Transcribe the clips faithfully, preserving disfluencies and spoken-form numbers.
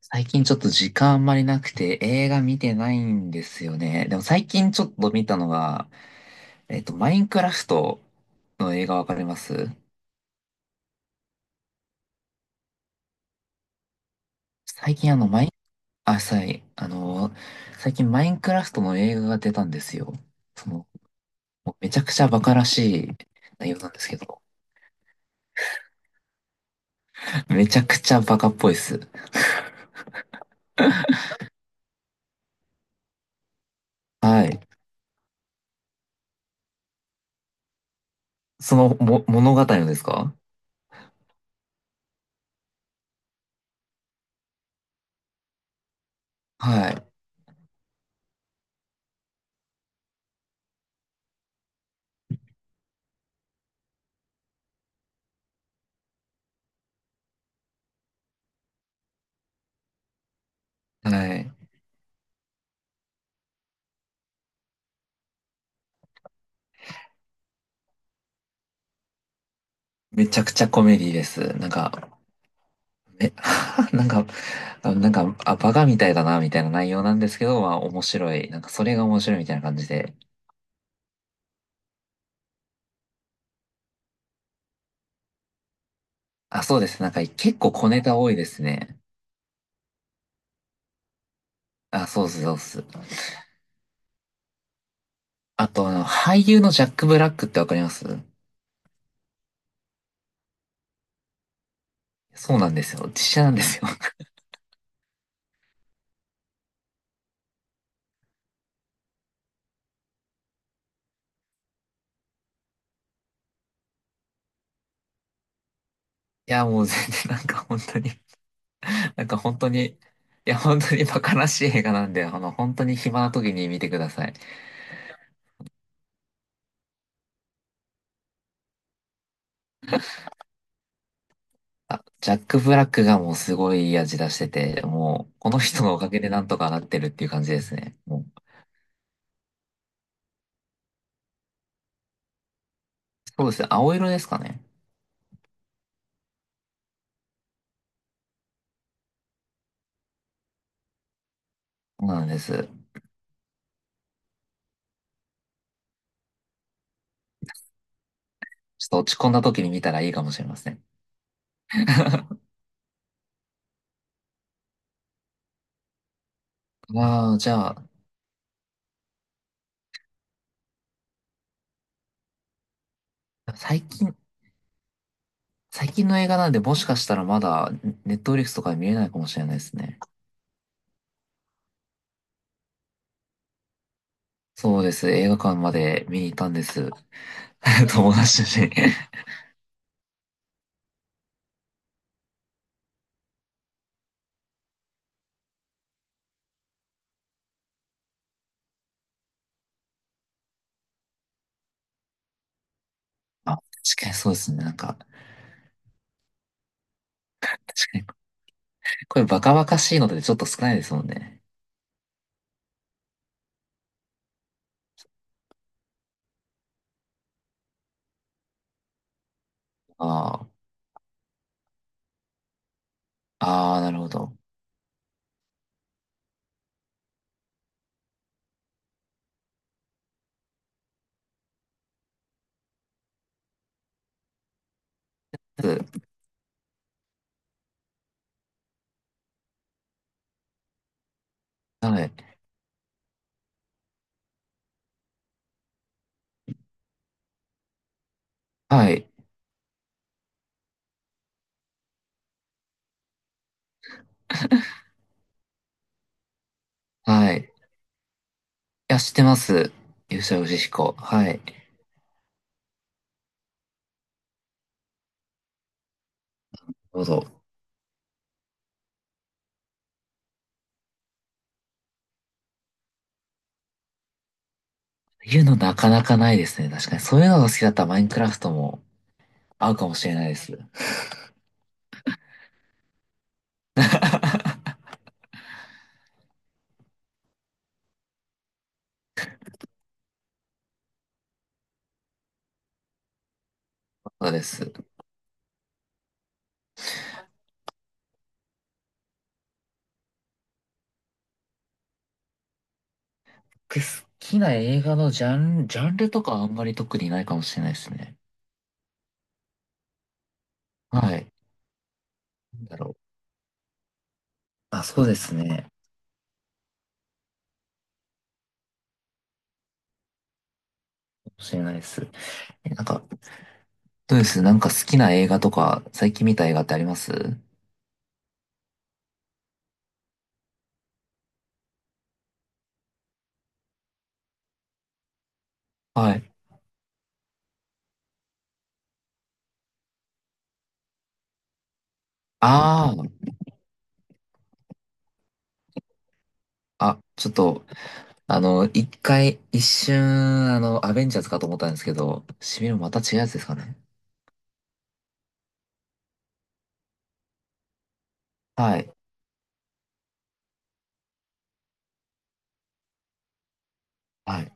最近ちょっと時間あんまりなくて映画見てないんですよね。でも最近ちょっと見たのが、えっと、マインクラフトの映画わかります？最近あの、マイン、あ、さい、あの、最近マインクラフトの映画が出たんですよ。その、もうめちゃくちゃバカらしい内容なんですけど、めちゃくちゃバカっぽいです。はい。その、も、物語のですか？はい。はい。めちゃくちゃコメディです。なんか、え、なんか、あなんか、あ、バカみたいだな、みたいな内容なんですけど、まあ、面白い。なんか、それが面白いみたいな感じで。あ、そうです。なんか、結構小ネタ多いですね。あ、そうっす、そうっす。あと、あの、俳優のジャック・ブラックってわかります？そうなんですよ。実写なんですよ。いや、もう全然、なんか、本当に、なんか、本当に、いや、本当にバカらしい映画なんで、あの、本当に暇な時に見てください。あ、ジャック・ブラックがもうすごいいい味出してて、もう、この人のおかげでなんとかなってるっていう感じですね。もうそうですね。青色ですかね。そうなんです。ちょっと落ち込んだ時に見たらいいかもしれません。まあ、じゃあ、最近、最近の映画なんで、もしかしたらまだ、ネットフリックスとかで見れないかもしれないですね。そうです。映画館まで見に行ったんです。友達と一緒に。あ、確かにそうですね。なんか、確かに、これバカバカしいのでちょっと少ないですもんね。ああ、ああ、なるほど。はい。はい。はい。いや、知ってます。勇者ヨシヒコ。はい。なるほど。いうのなかなかないですね。確かに。そういうのが好きだったらマインクラフトも合うかもしれないです。そうです。で好きな映画のジャン、ジャンルとかあんまり特にないかもしれないですね。はい。なんだろう。あ、そうですね。かもしれないです。えなんか、どうです？なんか好きな映画とか、最近見た映画ってあります？はい。ああ、あ、ちょっと、あの、いっかい、一瞬、あの、アベンジャーズかと思ったんですけど、シミのまた違うやつですかね。はい。はい。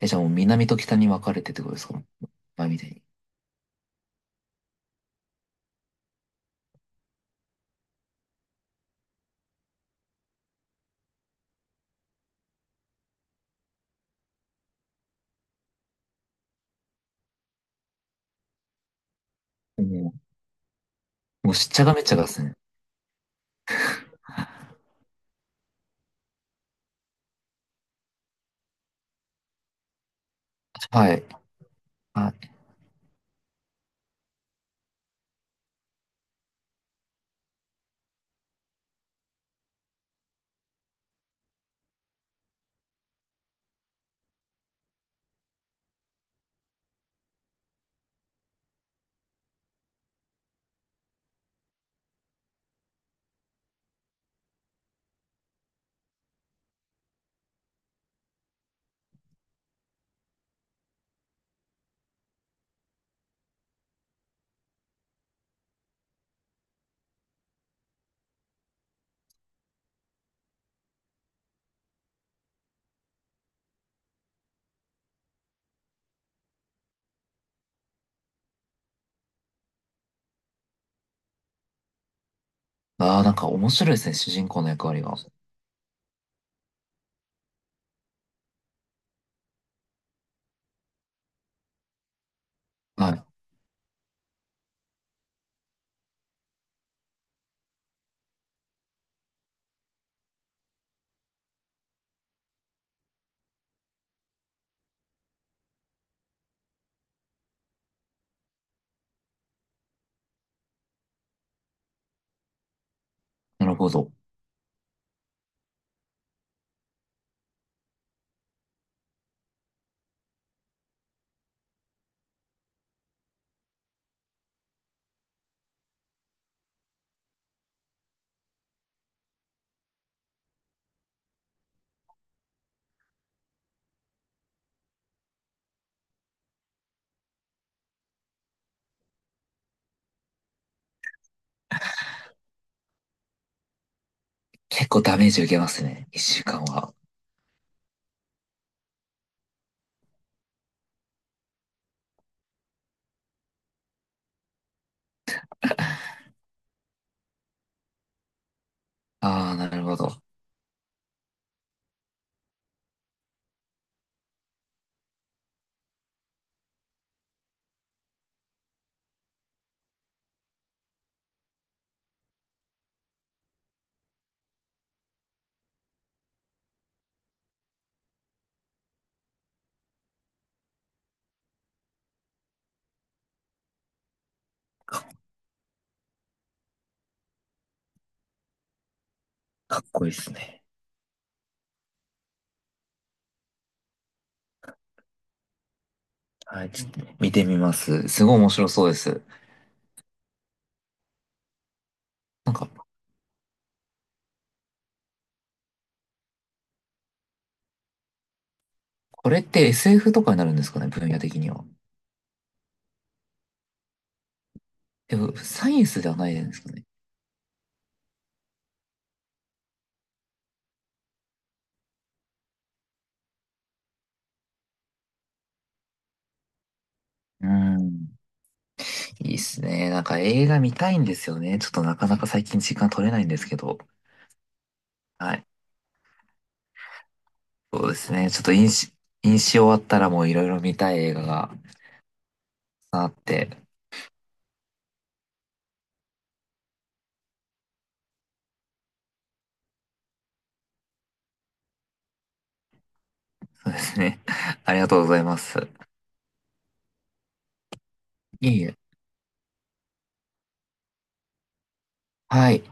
え、じゃあもう南と北に分かれてってことですか？前みたいに。もうん、もうしっちゃかめっちゃかですね。はい。はい。ああ、なんか面白いですね、主人公の役割が。はい。なるほど。結構ダメージ受けますね、いっしゅうかんは。ああ、なるほど。かっこいいですね。はい、ちょっと見てみます。すごい面白そうです。なんか、これって エスエフ とかになるんですかね、分野的には。でも、サイエンスではないじゃないですかね。うん。いいっすね。なんか映画見たいんですよね。ちょっとなかなか最近時間取れないんですけど。はい。そうですね。ちょっと飲酒、飲酒終わったらもういろいろ見たい映画があって。そうですね。ありがとうございます。いえいえ。はい。